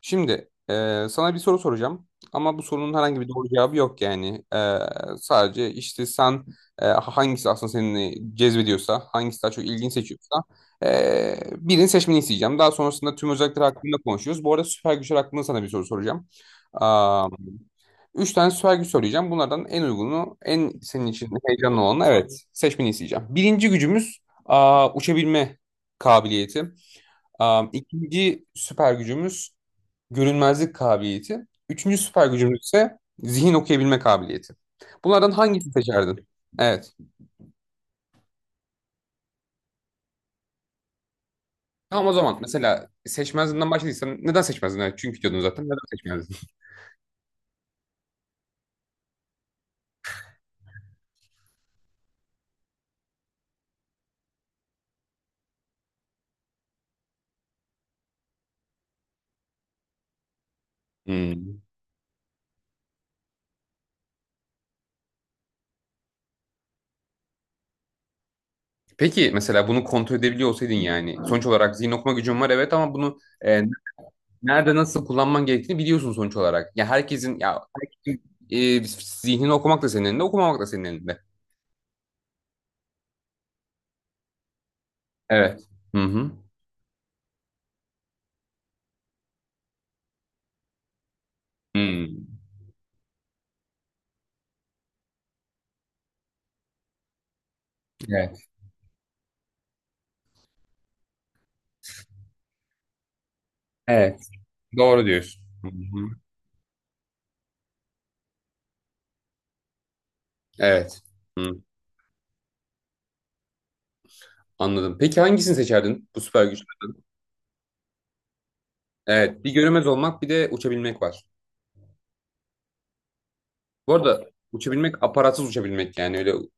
Şimdi sana bir soru soracağım ama bu sorunun herhangi bir doğru cevabı yok yani. Sadece işte sen hangisi aslında seni cezbediyorsa, hangisi daha çok ilgini seçiyorsa birini seçmeni isteyeceğim. Daha sonrasında tüm özellikler hakkında konuşuyoruz. Bu arada süper güçler hakkında sana bir soru soracağım. Am, Üç tane süper güç söyleyeceğim. Bunlardan en uygunu, en senin için heyecanlı olanı evet seçmeni isteyeceğim. Birinci gücümüz uçabilme kabiliyeti. İkinci süper gücümüz görünmezlik kabiliyeti. Üçüncü süper gücümüz ise zihin okuyabilme kabiliyeti. Bunlardan hangisini seçerdin? Evet. Tamam, o zaman mesela seçmezliğinden başladıysan neden seçmezdin? Evet, çünkü diyordun zaten neden seçmezdin? Hmm. Peki mesela bunu kontrol edebiliyor olsaydın yani sonuç olarak zihin okuma gücün var evet ama bunu e, nerede nasıl kullanman gerektiğini biliyorsun sonuç olarak. Ya herkesin zihnini okumak da senin elinde okumamak da senin elinde. Evet. Hı hı. Hmm. Evet. Evet, doğru diyorsun. Hı hı. Evet. Hı, anladım. Peki hangisini seçerdin bu süper güç? Evet, bir görünmez olmak, bir de uçabilmek var. Bu arada uçabilmek aparatsız uçabilmek yani öyle. Hı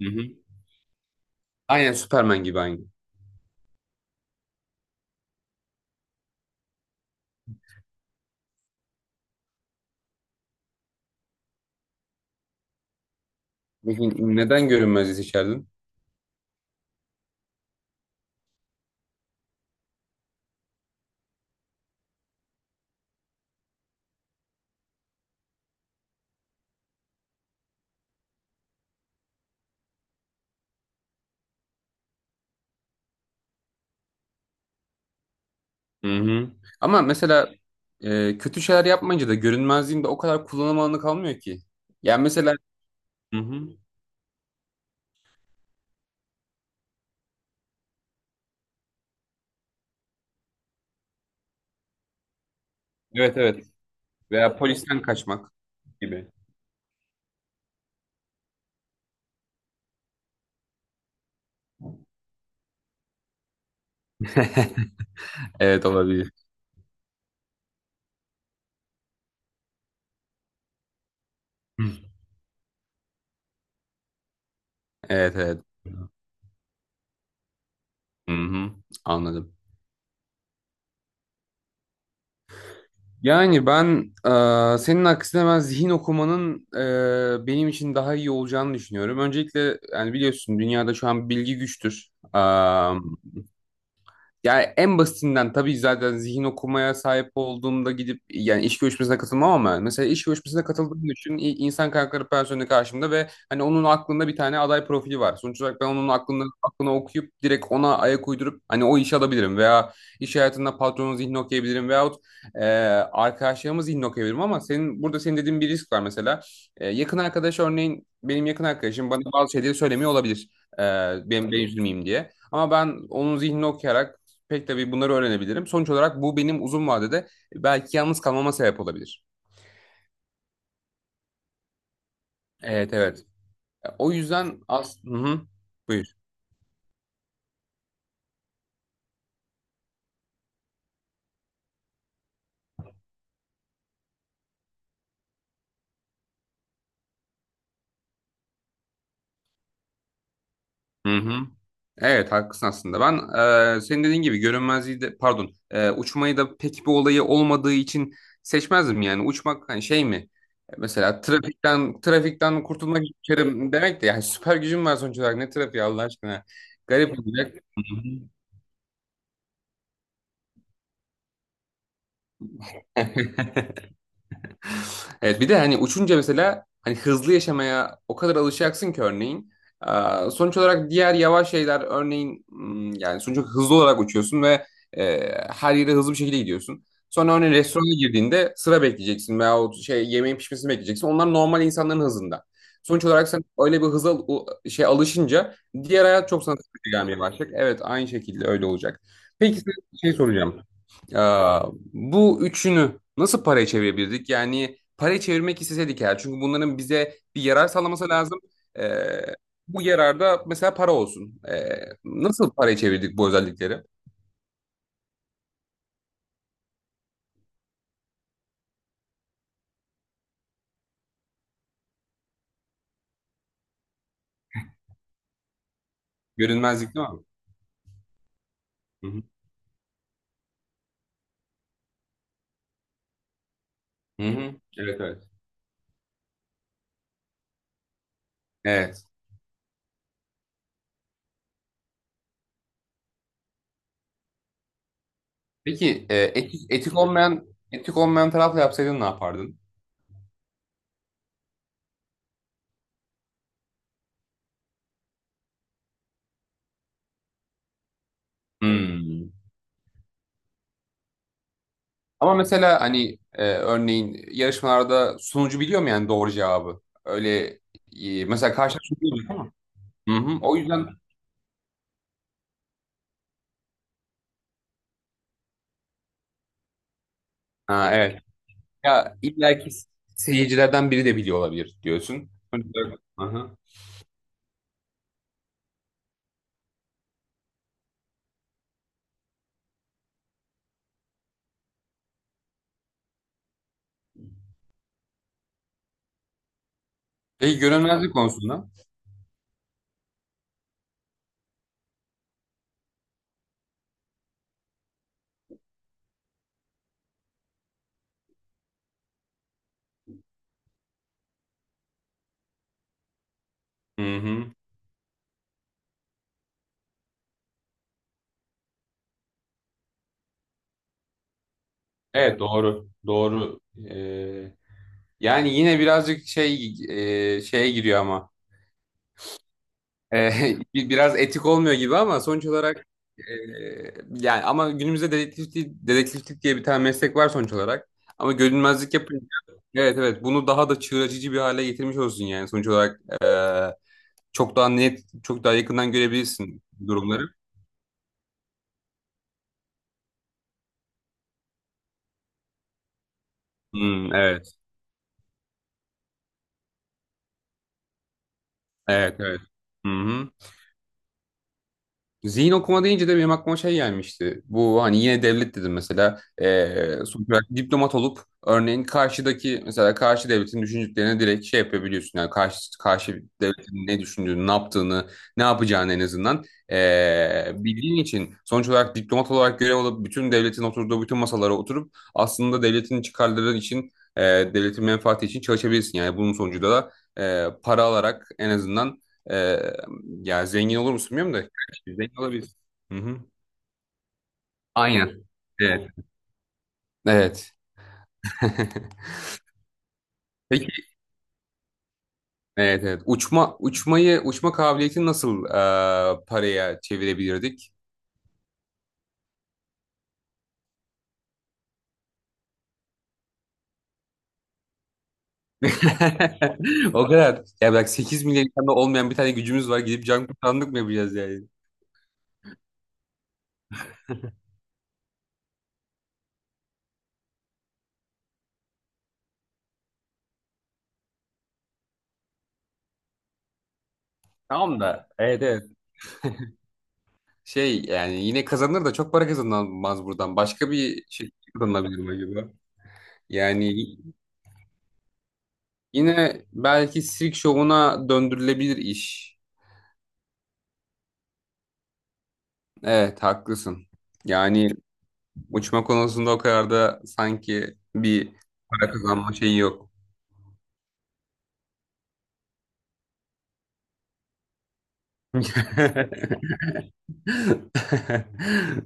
hı. Aynen Superman gibi aynı. Peki neden görünmezliği seçerdin? Hı hı. Ama mesela kötü şeyler yapmayınca da görünmezliğin de o kadar kullanım alanı kalmıyor ki. Yani mesela hı hı. Evet evet. Veya polisten kaçmak gibi. Evet, olabilir. Evet evet. Hı hı. Anladım. Yani ben senin aksine ben zihin okumanın benim için daha iyi olacağını düşünüyorum. Öncelikle yani biliyorsun dünyada şu an bilgi güçtür. Yani en basitinden tabii zaten zihin okumaya sahip olduğumda gidip yani iş görüşmesine katılmam ama mesela iş görüşmesine katıldığım düşün insan kaynakları personeli karşımda ve hani onun aklında bir tane aday profili var. Sonuç olarak ben onun aklını okuyup direkt ona ayak uydurup hani o işi alabilirim veya iş hayatında patronun zihnini okuyabilirim veyahut e, arkadaşlarımın zihnini okuyabilirim ama senin burada dediğin bir risk var mesela. Yakın arkadaş örneğin benim yakın arkadaşım bana bazı şeyleri söylemiyor olabilir. E, Benim ben üzülmeyeyim diye. Ama ben onun zihnini okuyarak pek tabii bunları öğrenebilirim. Sonuç olarak bu benim uzun vadede belki yalnız kalmama sebep olabilir. Evet evet. O yüzden as hı hı. Buyur. Hı hı. Evet, haklısın aslında. Ben senin dediğin gibi görünmezliği de pardon uçmayı da pek bir olayı olmadığı için seçmezdim yani. Uçmak hani şey mi? Mesela trafikten kurtulmak için demek de yani süper gücüm var sonuç olarak ne trafiği Allah aşkına. Garip olacak. Hı hı. Evet bir de hani uçunca mesela hani hızlı yaşamaya o kadar alışacaksın ki örneğin. Sonuç olarak diğer yavaş şeyler örneğin yani sonuç olarak hızlı olarak uçuyorsun ve her yere hızlı bir şekilde gidiyorsun. Sonra örneğin restorana girdiğinde sıra bekleyeceksin veyahut şey yemeğin pişmesini bekleyeceksin. Onlar normal insanların hızında. Sonuç olarak sen öyle bir hıza şey alışınca diğer hayat çok sana sıkıcı gelmeye başlayacak. Evet, aynı şekilde öyle olacak. Peki size bir şey soracağım. Aa, Bu üçünü nasıl paraya çevirebilirdik? Yani paraya çevirmek isteseydik eğer. Çünkü bunların bize bir yarar sağlaması lazım. Ee, Bu yararda mesela para olsun. Nasıl paraya çevirdik bu özellikleri? Görünmezlik değil mi? Hı hı. Hı hı. Evet evet. Evet. Peki etik olmayan tarafla yapsaydın ne yapardın? Hmm. Ama mesela hani örneğin yarışmalarda sunucu biliyor mu yani doğru cevabı? Öyle mesela karşılaşma değil mi? Hı hı. O yüzden ha, evet. Ya illaki seyircilerden biri de biliyor olabilir diyorsun. Hı hı. Peki görünmezlik konusunda. Hı hı. Evet, doğru. Doğru. Ee, Yani yine birazcık şey şeye giriyor ama. Biraz etik olmuyor gibi ama sonuç olarak e, yani ama günümüzde dedektiflik diye bir tane meslek var sonuç olarak. Ama görünmezlik yapınca evet evet bunu daha da çığır açıcı bir hale getirmiş olsun yani sonuç olarak çok daha net, çok daha yakından görebilirsin durumları. Evet, evet, evet. Hı hı. Zihin okuma deyince de benim aklıma şey gelmişti. Bu hani yine devlet dedim mesela. Sonuç olarak diplomat olup örneğin karşıdaki mesela karşı devletin düşüncelerini direkt şey yapabiliyorsun. Yani karşı devletin ne düşündüğünü, ne yaptığını, ne yapacağını en azından bildiğin için sonuç olarak diplomat olarak görev alıp bütün devletin oturduğu bütün masalara oturup aslında devletin çıkarları için ee, devletin menfaati için çalışabilirsin. Yani bunun sonucunda da para alarak en azından ee, ya zengin olur musun bilmiyorum da zengin olabilirsin. Hı hı. Aynen. Evet. Evet. Peki. Evet evet. Uçma kabiliyetini nasıl paraya çevirebilirdik? O kadar. Ya bak 8 milyon insanda olmayan bir tane gücümüz var. Gidip can kurtaranlık mı yapacağız yani? Tamam da. Evet evet. Şey yani yine kazanır da çok para kazanılmaz buradan. Başka bir şey kazanılabilir mi acaba? Yani yine belki sirk şovuna döndürülebilir iş. Evet, haklısın. Yani uçma konusunda o kadar da sanki bir para kazanma şeyi yok.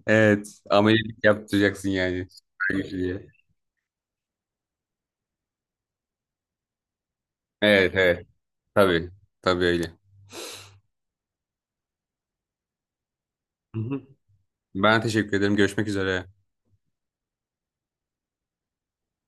Evet. Ameliyat yaptıracaksın yani. Süper güçlü diye. Evet evet. Tabii. Tabii öyle. Hı hı. Ben teşekkür ederim. Görüşmek üzere.